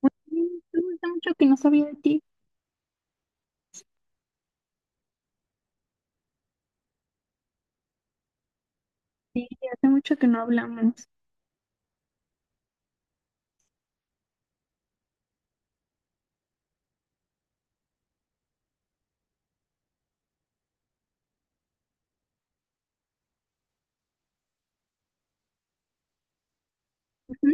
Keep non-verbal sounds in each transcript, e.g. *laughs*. Muy bien, tú. Hace mucho que no sabía de ti. Sí, hace mucho que no hablamos. Ujú,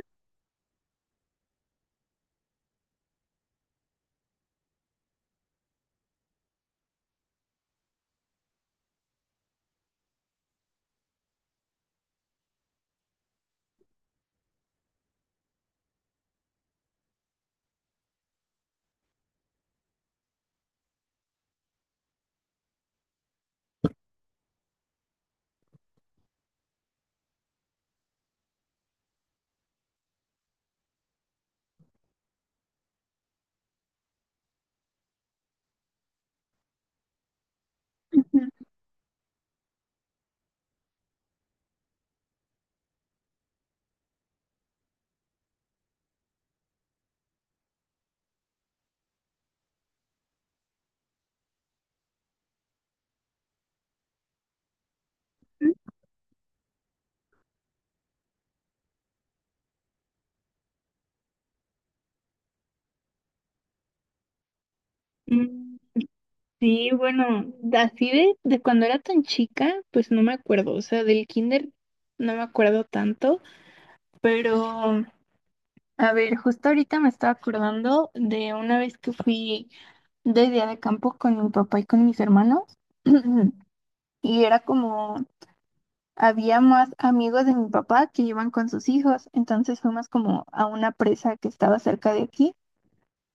ujú, ujú. Mm. Sí, bueno, así de cuando era tan chica, pues no me acuerdo. O sea, del kinder no me acuerdo tanto. Pero, a ver, justo ahorita me estaba acordando de una vez que fui de día de campo con mi papá y con mis hermanos. *clears throat* Y era como había más amigos de mi papá que iban con sus hijos, entonces fuimos como a una presa que estaba cerca de aquí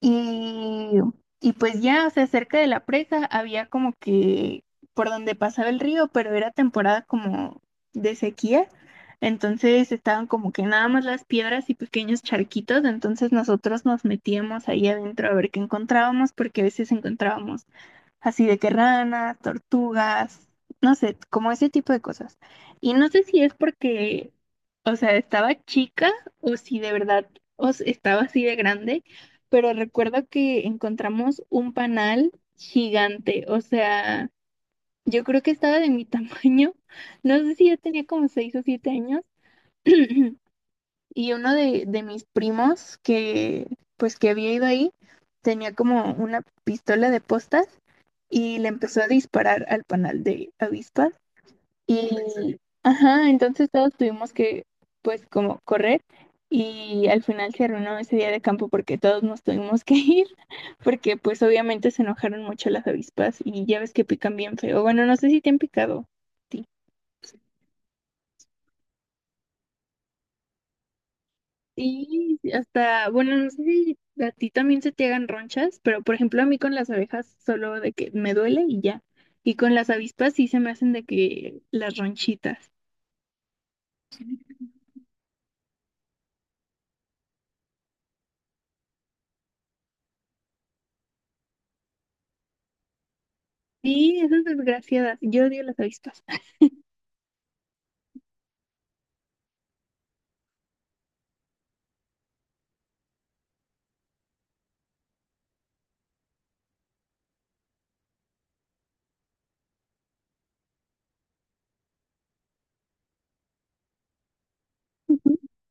y, y pues ya, o sea, cerca de la presa había como que por donde pasaba el río, pero era temporada como de sequía, entonces estaban como que nada más las piedras y pequeños charquitos. Entonces nosotros nos metíamos ahí adentro a ver qué encontrábamos, porque a veces encontrábamos así de que ranas, tortugas, no sé, como ese tipo de cosas. Y no sé si es porque, o sea, estaba chica o si de verdad estaba así de grande, pero recuerdo que encontramos un panal gigante. O sea, yo creo que estaba de mi *laughs* tamaño, no sé si yo tenía como seis o siete años. *clears throat* Y uno de mis primos que, pues, que había ido ahí, tenía como una pistola de postas y le empezó a disparar al panal de avispas. Y, ajá, entonces todos tuvimos que, pues, como correr. Y al final se arruinó ese día de campo porque todos nos tuvimos que *laughs* ir, porque pues obviamente se enojaron mucho las avispas y ya ves que pican bien feo. Bueno, no sé si te han picado. Sí. Sí, sí, hasta, bueno, no sé si a ti también se te hagan ronchas, pero por ejemplo a mí con las abejas solo de que me duele y ya. Y con las avispas sí se me hacen de que las ronchitas. Sí, esas desgraciadas. Yo odio las avispas. *laughs*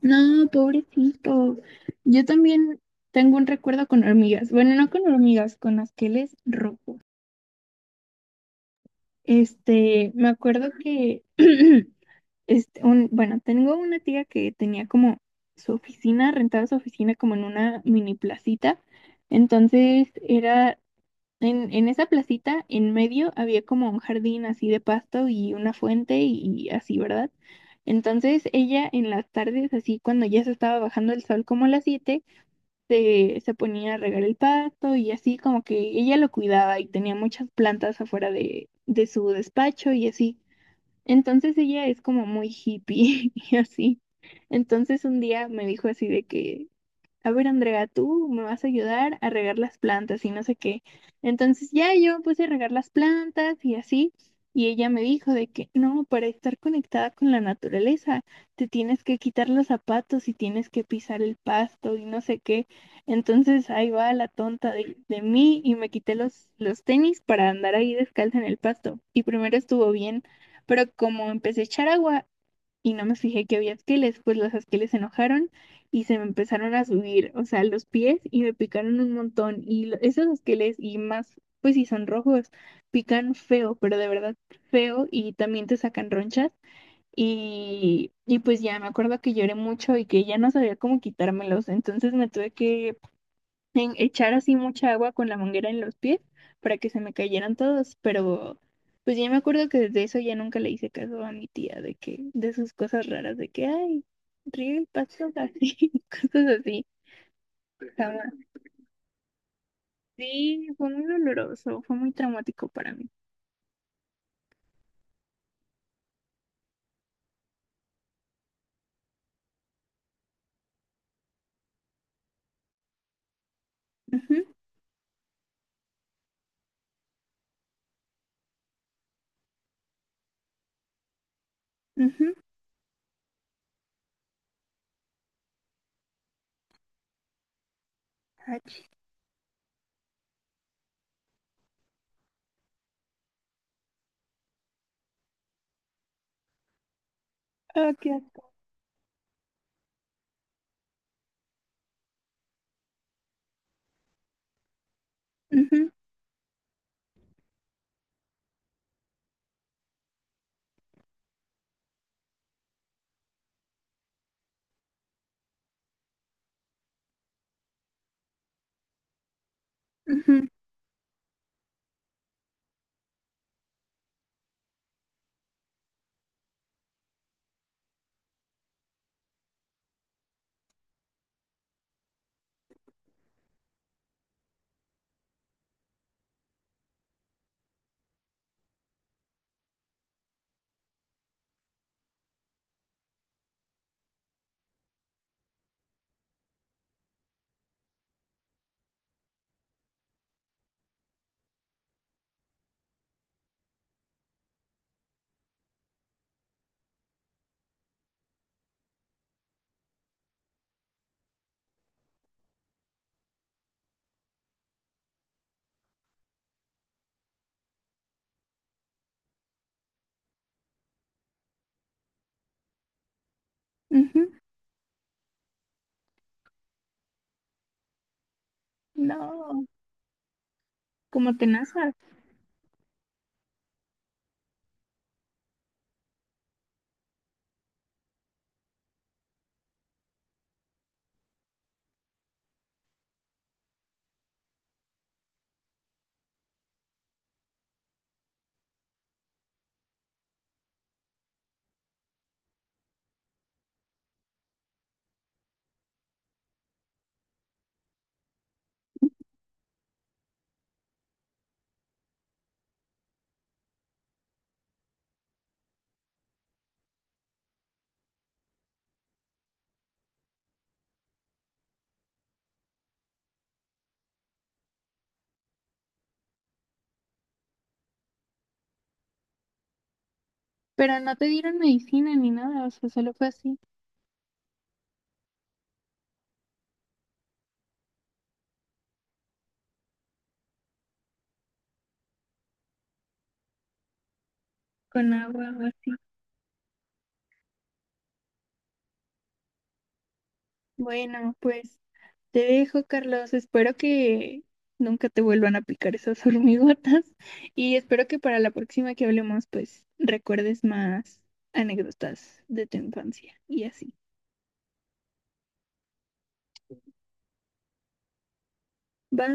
No, pobrecito. Yo también tengo un recuerdo con hormigas. Bueno, no con hormigas, con asqueles rojos. Me acuerdo que *clears throat* bueno, tengo una tía que tenía como su oficina, rentaba su oficina como en una mini placita. Entonces era en esa placita, en medio había como un jardín así de pasto y una fuente y así, ¿verdad? Entonces ella en las tardes, así cuando ya se estaba bajando el sol como a las 7 se ponía a regar el pasto y así como que ella lo cuidaba y tenía muchas plantas afuera de su despacho y así. Entonces ella es como muy hippie *laughs* y así. Entonces un día me dijo así de que, a ver, Andrea, tú me vas a ayudar a regar las plantas y no sé qué. Entonces ya yo me puse a regar las plantas y así, y ella me dijo de que no, para estar conectada con la naturaleza, te tienes que quitar los zapatos y tienes que pisar el pasto y no sé qué. Entonces ahí va la tonta de mí y me quité los tenis para andar ahí descalza en el pasto. Y primero estuvo bien, pero como empecé a echar agua, y no me fijé que había esqueles, pues los esqueles se enojaron y se me empezaron a subir, o sea, los pies y me picaron un montón. Y esos esqueles y más, pues si son rojos, pican feo, pero de verdad feo, y también te sacan ronchas. Y pues ya me acuerdo que lloré mucho y que ya no sabía cómo quitármelos, entonces me tuve que en echar así mucha agua con la manguera en los pies para que se me cayeran todos. Pero pues ya me acuerdo que desde eso ya nunca le hice caso a mi tía de que, de sus cosas raras, de que, ay, riega el pasto así, *laughs* cosas así, jamás. Sí, fue muy doloroso, fue muy traumático para mí. Ujú, ujú, ach, ah, qué asco. Ujú, ujú, ujú. No, como tenazas. ¿Pero no te dieron medicina ni nada? O sea, ¿solo fue así, con agua o así? Bueno, pues te dejo, Carlos. Espero que nunca te vuelvan a picar esas *laughs* hormigotas y espero que para la próxima que hablemos, pues recuerdes más anécdotas de tu infancia y así. ¿Va?